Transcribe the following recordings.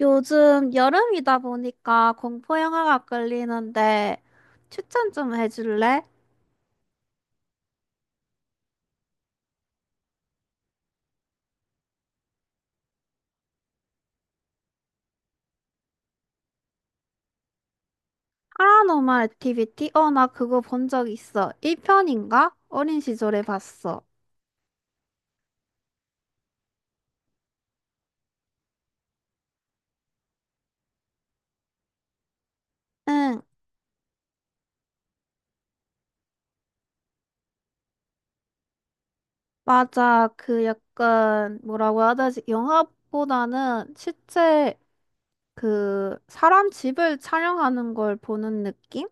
요즘 여름이다 보니까 공포 영화가 끌리는데 추천 좀 해줄래? 파라노말 액티비티? 어, 나 그거 본 적 있어. 1편인가? 어린 시절에 봤어. 응, 맞아. 그 약간 뭐라고 해야 되지? 영화보다는 실제 그 사람 집을 촬영하는 걸 보는 느낌?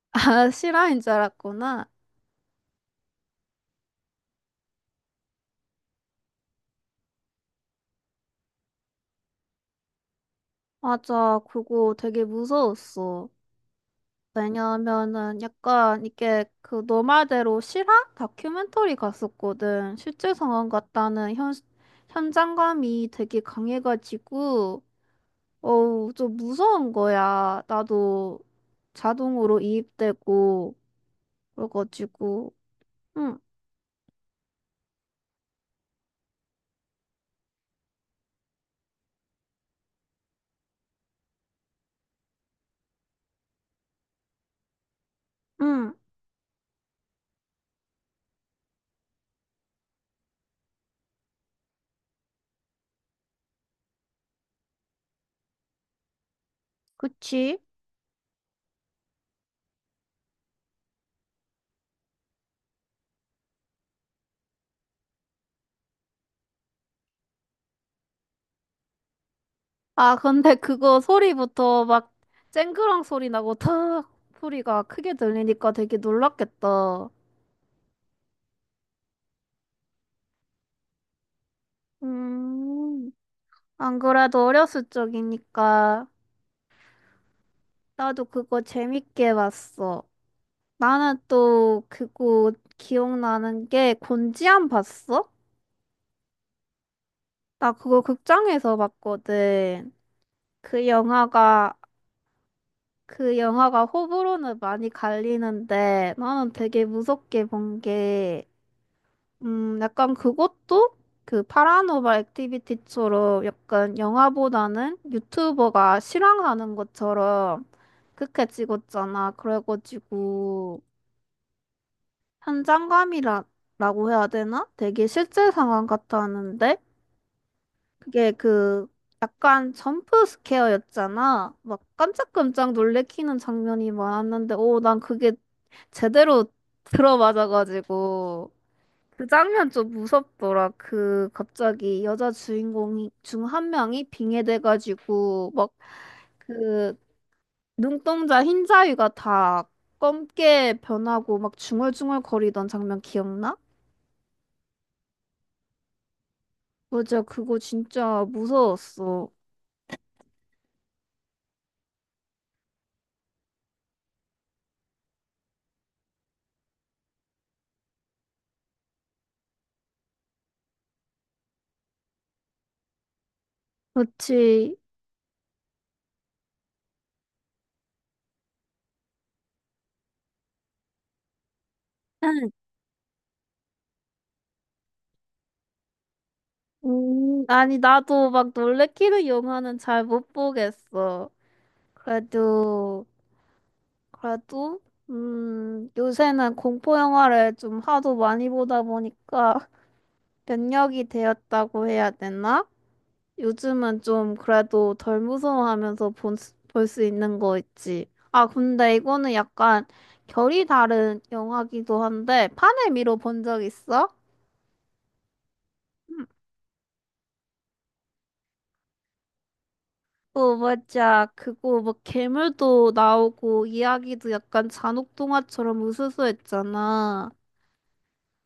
아, 실화인 줄 알았구나. 맞아. 그거 되게 무서웠어. 왜냐면은 약간 이게 그 너말대로 실화 다큐멘터리 갔었거든. 실제 상황 같다는 현장감이 되게 강해가지고, 어우, 좀 무서운 거야. 나도 자동으로 이입되고, 그래가지고, 응, 응, 그치? 아, 근데 그거 소리부터 막 쨍그랑 소리 나고 탁 소리가 크게 들리니까 되게 놀랐겠다. 음. 안 그래도 어렸을 적이니까 나도 그거 재밌게 봤어. 나는 또 그거 기억나는 게 곤지암 봤어? 나 그거 극장에서 봤거든. 그 영화가 그 영화가 호불호는 많이 갈리는데 나는 되게 무섭게 본게 약간 그것도 그 파라노멀 액티비티처럼 약간 영화보다는 유튜버가 실황하는 것처럼 그렇게 찍었잖아. 그래가지고 현장감이라고 해야 되나? 되게 실제 상황 같았는데 그게 그 약간 점프 스케어였잖아. 막 깜짝깜짝 놀래키는 장면이 많았는데 오, 난 그게 제대로 들어맞아가지고 그 장면 좀 무섭더라. 그 갑자기 여자 주인공 중 한 명이 빙해돼가지고 막 그 눈동자 흰 자위가 다 검게 변하고 막 중얼중얼 거리던 장면 기억나? 맞아, 그거 진짜 무서웠어. 그렇지. 아니 나도 막 놀래키는 영화는 잘 못 보겠어. 그래도 그래도 요새는 공포 영화를 좀 하도 많이 보다 보니까 면역이 되었다고 해야 되나? 요즘은 좀 그래도 덜 무서워하면서 볼 수 있는 거 있지. 아, 근데 이거는 약간 결이 다른 영화기도 한데 판을 미뤄 본 적 있어? 음, 어, 맞아. 그거 막 괴물도 나오고 이야기도 약간 잔혹 동화처럼 으스스했잖아.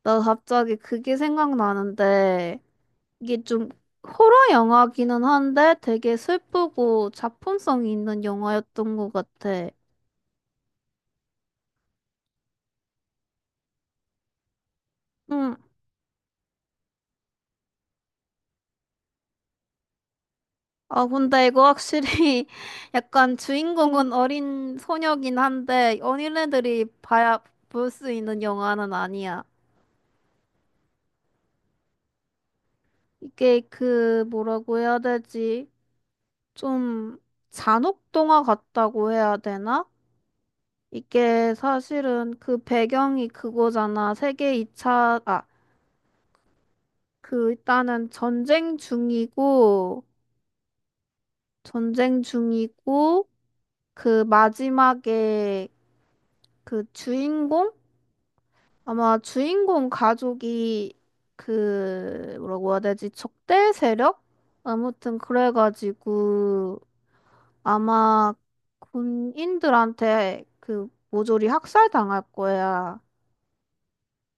나 갑자기 그게 생각나는데. 이게 좀 호러 영화기는 한데 되게 슬프고 작품성이 있는 영화였던 것 같아. 응. 아, 근데 이거 확실히 약간 주인공은 어린 소녀긴 한데 어린애들이 봐야 볼 수 있는 영화는 아니야. 이게 그 뭐라고 해야 되지? 좀 잔혹 동화 같다고 해야 되나? 이게 사실은 그 배경이 그거잖아. 세계 2차, 그 일단은 전쟁 중이고 그 마지막에 그 주인공 아마 주인공 가족이 그 뭐라고 해야 되지 적대 세력 아무튼 그래가지고 아마 군인들한테 그 모조리 학살당할 거야.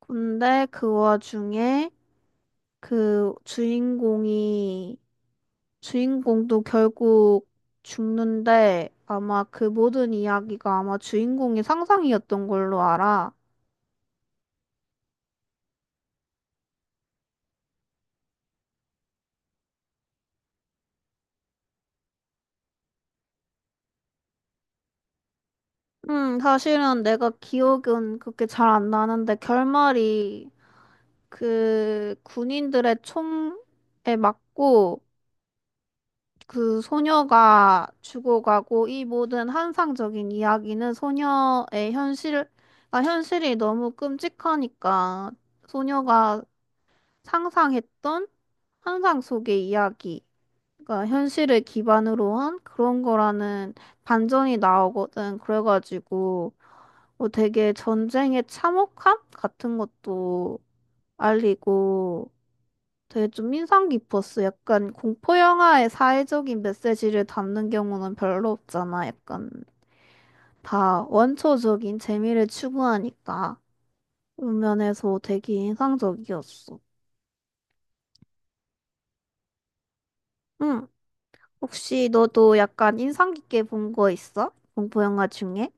근데 그 와중에 그 주인공이 주인공도 결국 죽는데 아마 그 모든 이야기가 아마 주인공의 상상이었던 걸로 알아. 사실은 내가 기억은 그렇게 잘 안 나는데 결말이 그 군인들의 총에 맞고 그 소녀가 죽어가고 이 모든 환상적인 이야기는 소녀의 현실, 아, 현실이 너무 끔찍하니까 소녀가 상상했던 환상 속의 이야기. 그러니까 현실을 기반으로 한 그런 거라는 반전이 나오거든. 그래가지고 뭐 되게 전쟁의 참혹함 같은 것도 알리고 되게 좀 인상 깊었어. 약간 공포 영화의 사회적인 메시지를 담는 경우는 별로 없잖아. 약간 다 원초적인 재미를 추구하니까 그런 면에서 되게 인상적이었어. 응. 혹시 너도 약간 인상 깊게 본 거 있어? 공포 영화 중에?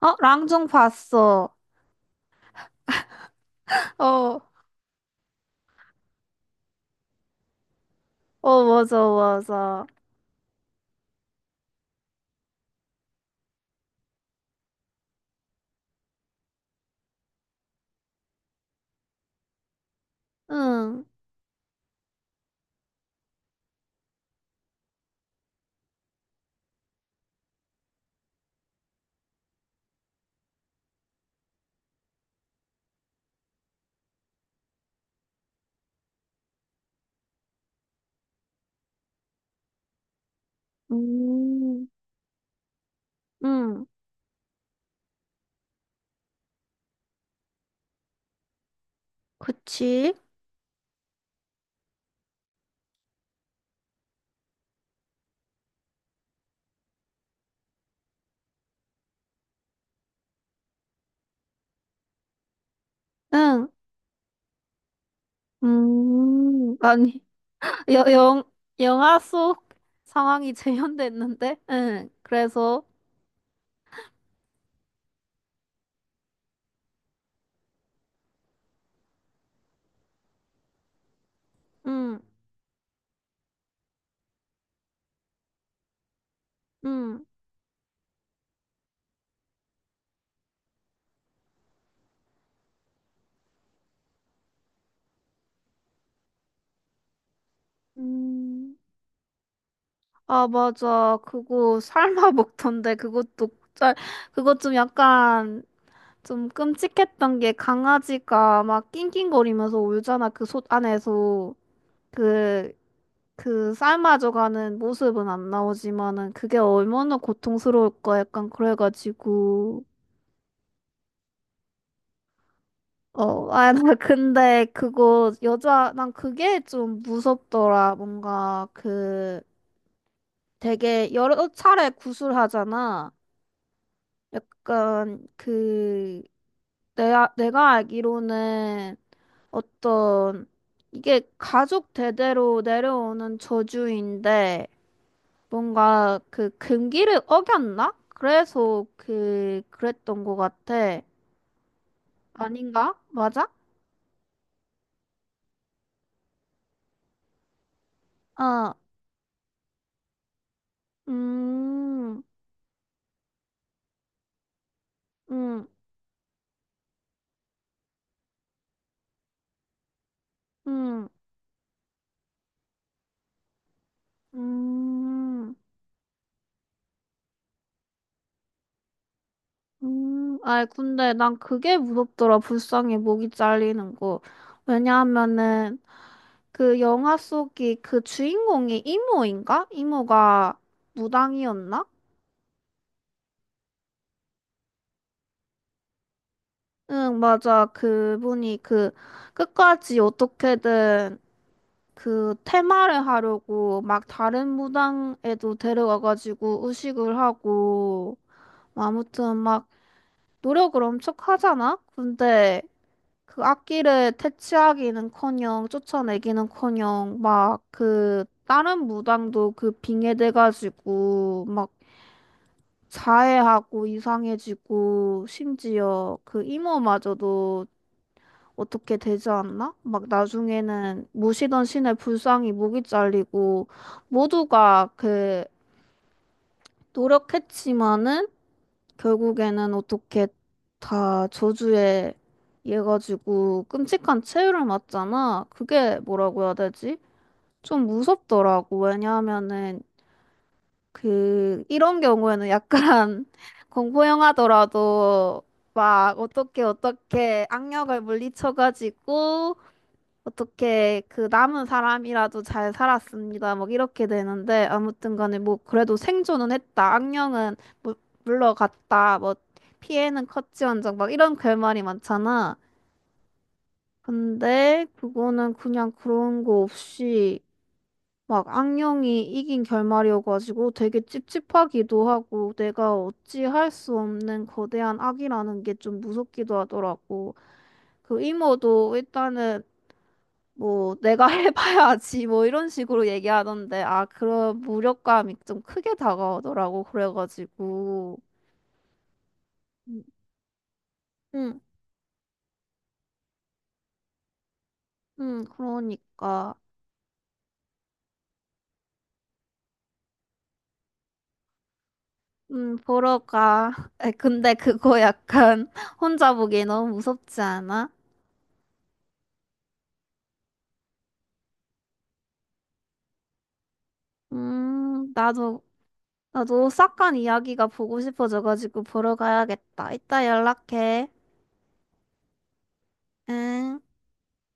어, 랑중 봤어. 어, 어, 맞아, 맞아. 응, 음, 응, 그치? 응, 아니, 여, 영, 영화 속 상황이 재현됐는데? 응, 그래서, 응, 응. 음, 아, 맞아. 그거 삶아 먹던데, 그것도, 짤, 그것 좀 약간, 좀 끔찍했던 게 강아지가 막 낑낑거리면서 울잖아, 그 솥 안에서. 그, 그 삶아져가는 모습은 안 나오지만은 그게 얼마나 고통스러울까 약간 그래가지고 어, 아, 나 근데 그거 여자 난 그게 좀 무섭더라. 뭔가 그 되게 여러 차례 구술하잖아. 약간 그 내가 알기로는 어떤 이게 가족 대대로 내려오는 저주인데 뭔가 그 금기를 어겼나? 그래서 그 그랬던 것 같아. 아닌가? 맞아? 어. 음. 음. 음. 음. 음. 아이 근데 난 그게 무섭더라. 불쌍해 목이 잘리는 거. 왜냐하면은 그 영화 속이 그 주인공이 이모인가? 이모가 무당이었나? 응, 맞아. 그분이 그 끝까지 어떻게든 그 테마를 하려고 막 다른 무당에도 데려가가지고 의식을 하고 뭐 아무튼 막 노력을 엄청 하잖아? 근데 그 악기를 퇴치하기는커녕 쫓아내기는커녕 막 그 다른 무당도 그 빙의돼가지고 막 자해하고 이상해지고 심지어 그 이모마저도 어떻게 되지 않나? 막 나중에는 모시던 신의 불상이 목이 잘리고 모두가 그 노력했지만은 결국에는 어떻게 다 저주에 의해 가지고 끔찍한 최후를 맞잖아. 그게 뭐라고 해야 되지? 좀 무섭더라고. 왜냐하면은 그 이런 경우에는 약간 공포 영화더라도 막 어떻게 어떻게 악력을 물리쳐가지고 어떻게 그 남은 사람이라도 잘 살았습니다. 막 이렇게 되는데 아무튼 간에 뭐 그래도 생존은 했다. 악령은 물- 물러갔다. 뭐 피해는 컸지언정 막 이런 결말이 많잖아. 근데 그거는 그냥 그런 거 없이 막 악령이 이긴 결말이어가지고 되게 찝찝하기도 하고 내가 어찌 할 수 없는 거대한 악이라는 게 좀 무섭기도 하더라고. 그 이모도 일단은 뭐 내가 해봐야지 뭐 이런 식으로 얘기하던데 아 그런 무력감이 좀 크게 다가오더라고 그래가지고 응, 응, 그러니까 보러 가. 에, 근데 그거 약간 혼자 보기 너무 무섭지 않아? 나도 오사카 이야기가 보고 싶어져가지고 보러 가야겠다. 이따 연락해. 응